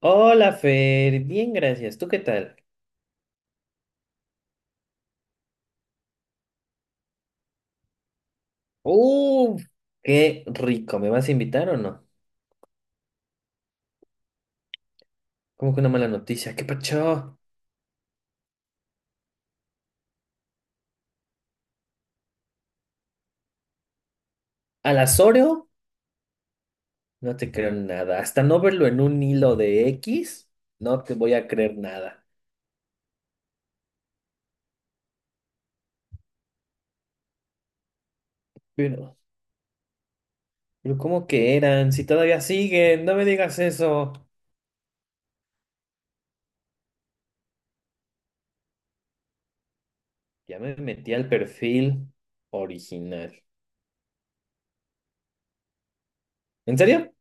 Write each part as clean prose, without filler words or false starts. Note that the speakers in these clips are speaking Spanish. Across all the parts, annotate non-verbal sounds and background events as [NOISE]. Hola Fer, bien gracias. ¿Tú qué tal? ¡Uf! ¡Qué rico! ¿Me vas a invitar o no? ¿Cómo que una mala noticia? ¿Qué pacho? ¿Al Azorio? No te creo nada. Hasta no verlo en un hilo de X, no te voy a creer nada. Pero, pero ¿cómo que eran? Si todavía siguen, no me digas eso. Ya me metí al perfil original. ¿En serio?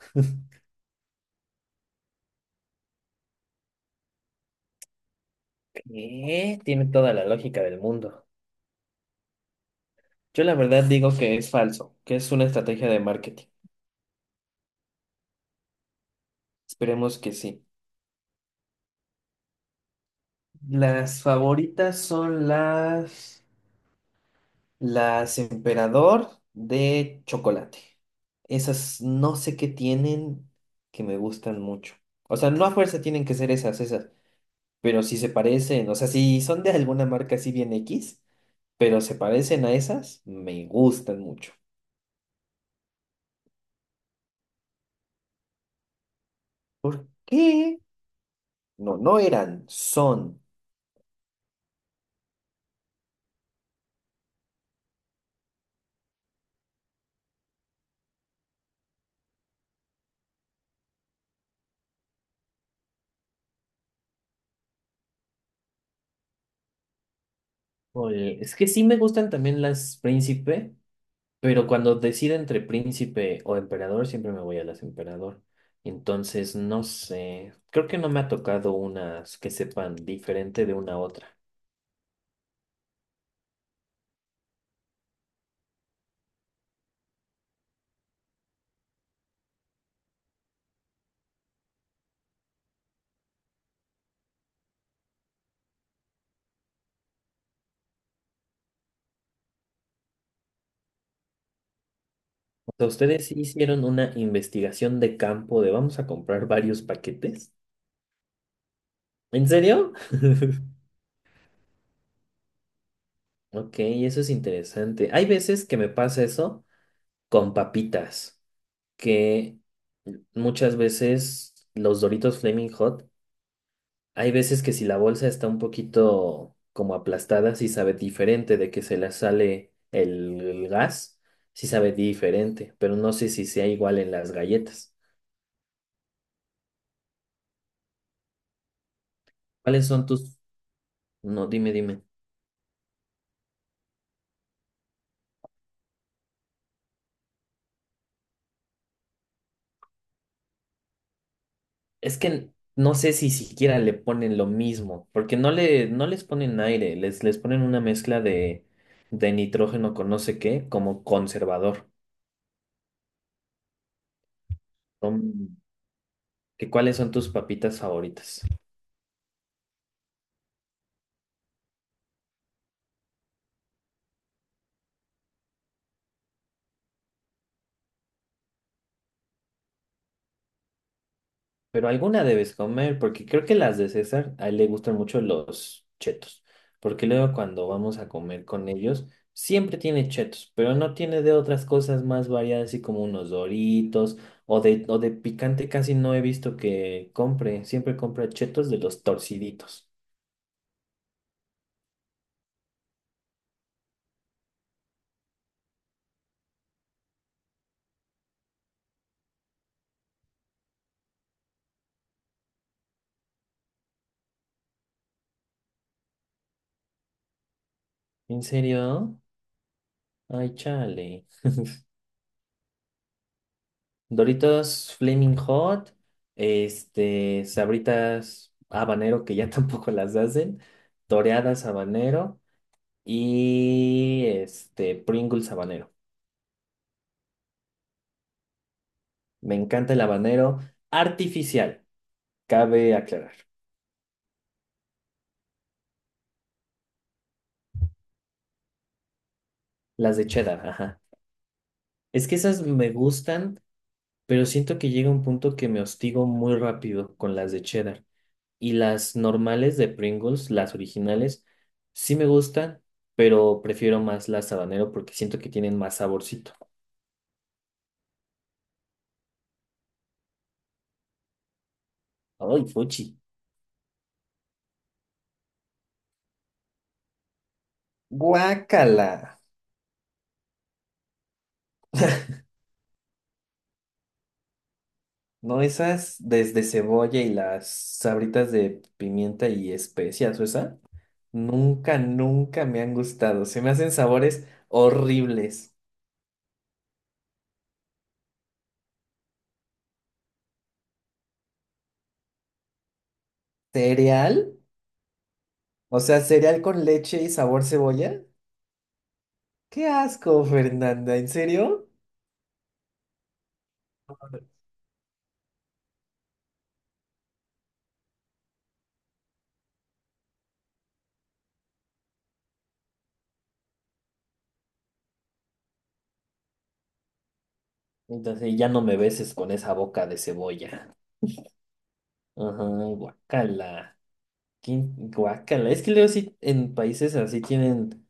¿Qué? Tiene toda la lógica del mundo. Yo la verdad digo que es falso, que es una estrategia de marketing. Esperemos que sí. Las favoritas son las Emperador de chocolate. Esas no sé qué tienen que me gustan mucho. O sea, no a fuerza tienen que ser esas, pero si se parecen, o sea, si son de alguna marca así bien X, pero se parecen a esas, me gustan mucho. ¿Por qué? No, no eran, son. Oye, es que sí me gustan también las Príncipe, pero cuando decida entre príncipe o emperador, siempre me voy a las emperador. Entonces, no sé, creo que no me ha tocado unas que sepan diferente de una a otra. O sea, ustedes sí hicieron una investigación de campo de vamos a comprar varios paquetes. ¿En serio? [LAUGHS] Ok, eso es interesante. Hay veces que me pasa eso con papitas, que muchas veces los Doritos Flaming Hot. Hay veces que si la bolsa está un poquito como aplastada, sí sabe diferente de que se le sale el gas, sí sabe diferente, pero no sé si sea igual en las galletas. ¿Cuáles son tus...? No, dime. Es que no sé si siquiera le ponen lo mismo, porque no les ponen aire, les ponen una mezcla de nitrógeno con no sé qué, como conservador. Son- ¿Que cuáles son tus papitas favoritas? Pero alguna debes comer, porque creo que las de César, a él le gustan mucho los chetos. Porque luego cuando vamos a comer con ellos, siempre tiene chetos, pero no tiene de otras cosas más variadas, así como unos doritos o o de picante casi no he visto que compre. Siempre compra chetos de los torciditos. ¿En serio? Ay, chale. Doritos Flaming Hot, Sabritas habanero que ya [LAUGHS] tampoco las hacen, toreadas habanero. Y Pringles habanero. Me encanta el habanero artificial, cabe aclarar. Las de cheddar, ajá. Es que esas me gustan, pero siento que llega un punto que me hostigo muy rápido con las de cheddar. Y las normales de Pringles, las originales, sí me gustan, pero prefiero más las habanero porque siento que tienen más saborcito. ¡Ay, fuchi! ¡Guácala! No, esas desde cebolla y las sabritas de pimienta y especias, o esa, nunca me han gustado. Se me hacen sabores horribles. ¿Cereal? O sea, cereal con leche y sabor cebolla. ¡Qué asco, Fernanda! ¿En serio? Entonces ya no me beses con esa boca de cebolla. Ajá, guacala. ¿Qué guacala? Es que luego sí en países así tienen.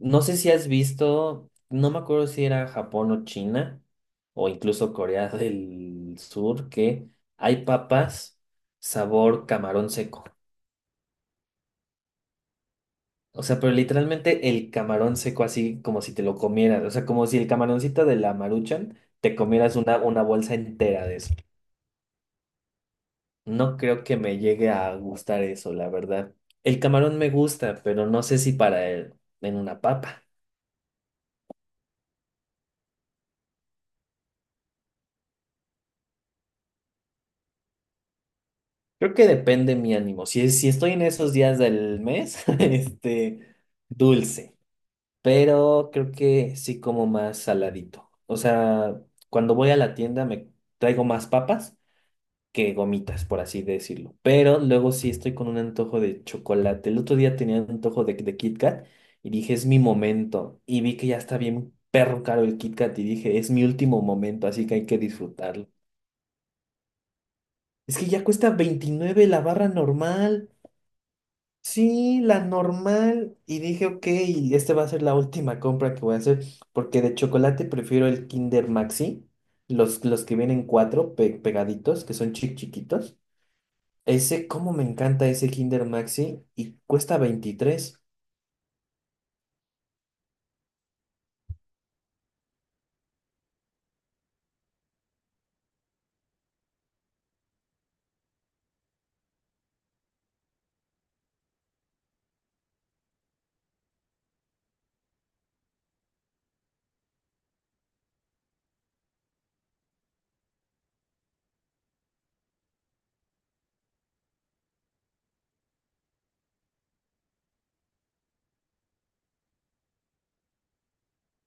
No sé si has visto, no me acuerdo si era Japón o China, o incluso Corea del Sur, que hay papas sabor camarón seco. O sea, pero literalmente el camarón seco así como si te lo comieras. O sea, como si el camaroncito de la Maruchan te comieras una bolsa entera de eso. No creo que me llegue a gustar eso, la verdad. El camarón me gusta, pero no sé si para él en una papa. Creo que depende mi ánimo. Si estoy en esos días del mes, [LAUGHS] dulce. Pero creo que sí como más saladito. O sea, cuando voy a la tienda me traigo más papas que gomitas, por así decirlo. Pero luego sí estoy con un antojo de chocolate. El otro día tenía un antojo de Kit Kat y dije, es mi momento. Y vi que ya está bien perro caro el Kit Kat y dije, es mi último momento, así que hay que disfrutarlo. Es que ya cuesta 29 la barra normal. Sí, la normal. Y dije, ok, esta va a ser la última compra que voy a hacer, porque de chocolate prefiero el Kinder Maxi, los que vienen cuatro pegaditos, que son chic chiquitos. Ese, cómo me encanta ese Kinder Maxi y cuesta 23.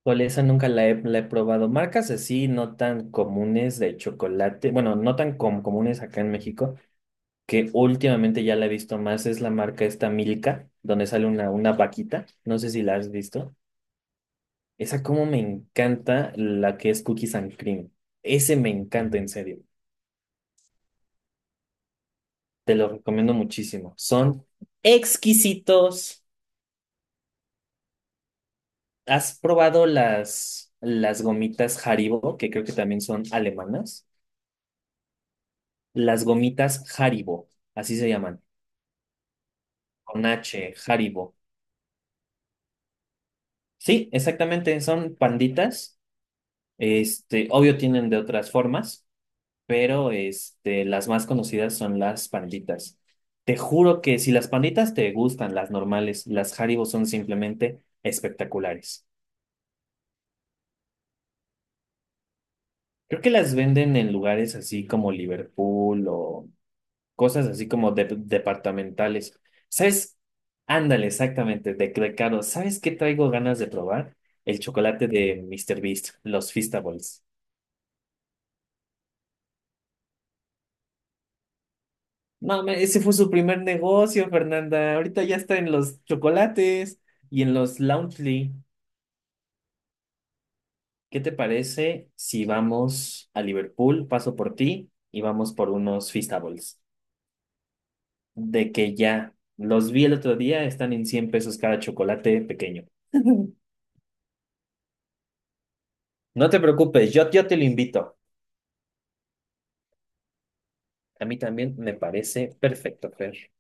Con esa nunca la he probado. Marcas así no tan comunes de chocolate, bueno, no tan comunes acá en México, que últimamente ya la he visto más, es la marca esta Milka, donde sale una vaquita. No sé si la has visto. Esa como me encanta la que es Cookies and Cream. Ese me encanta, en serio. Te lo recomiendo muchísimo. Son exquisitos. ¿Has probado las gomitas Haribo, que creo que también son alemanas? Las gomitas Haribo, así se llaman. Con H, Haribo. Sí, exactamente. Son panditas. Obvio tienen de otras formas, pero las más conocidas son las panditas. Te juro que si las panditas te gustan, las normales, las Haribo son simplemente espectaculares. Creo que las venden en lugares así como Liverpool o cosas así como departamentales. ¿Sabes? Ándale, exactamente, de caro. ¿Sabes qué traigo ganas de probar? El chocolate de Mr. Beast, los Feastables. No, ese fue su primer negocio, Fernanda. Ahorita ya está en los chocolates y en los Loungely. ¿Qué te parece si vamos a Liverpool, paso por ti y vamos por unos Feastables? De que ya los vi el otro día, están en $100 cada chocolate pequeño. [LAUGHS] No te preocupes, yo te lo invito. A mí también me parece perfecto, Fer.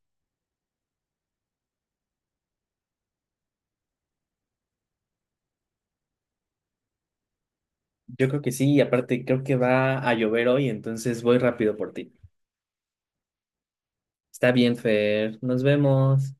Yo creo que sí, y aparte creo que va a llover hoy, entonces voy rápido por ti. Está bien, Fer, nos vemos.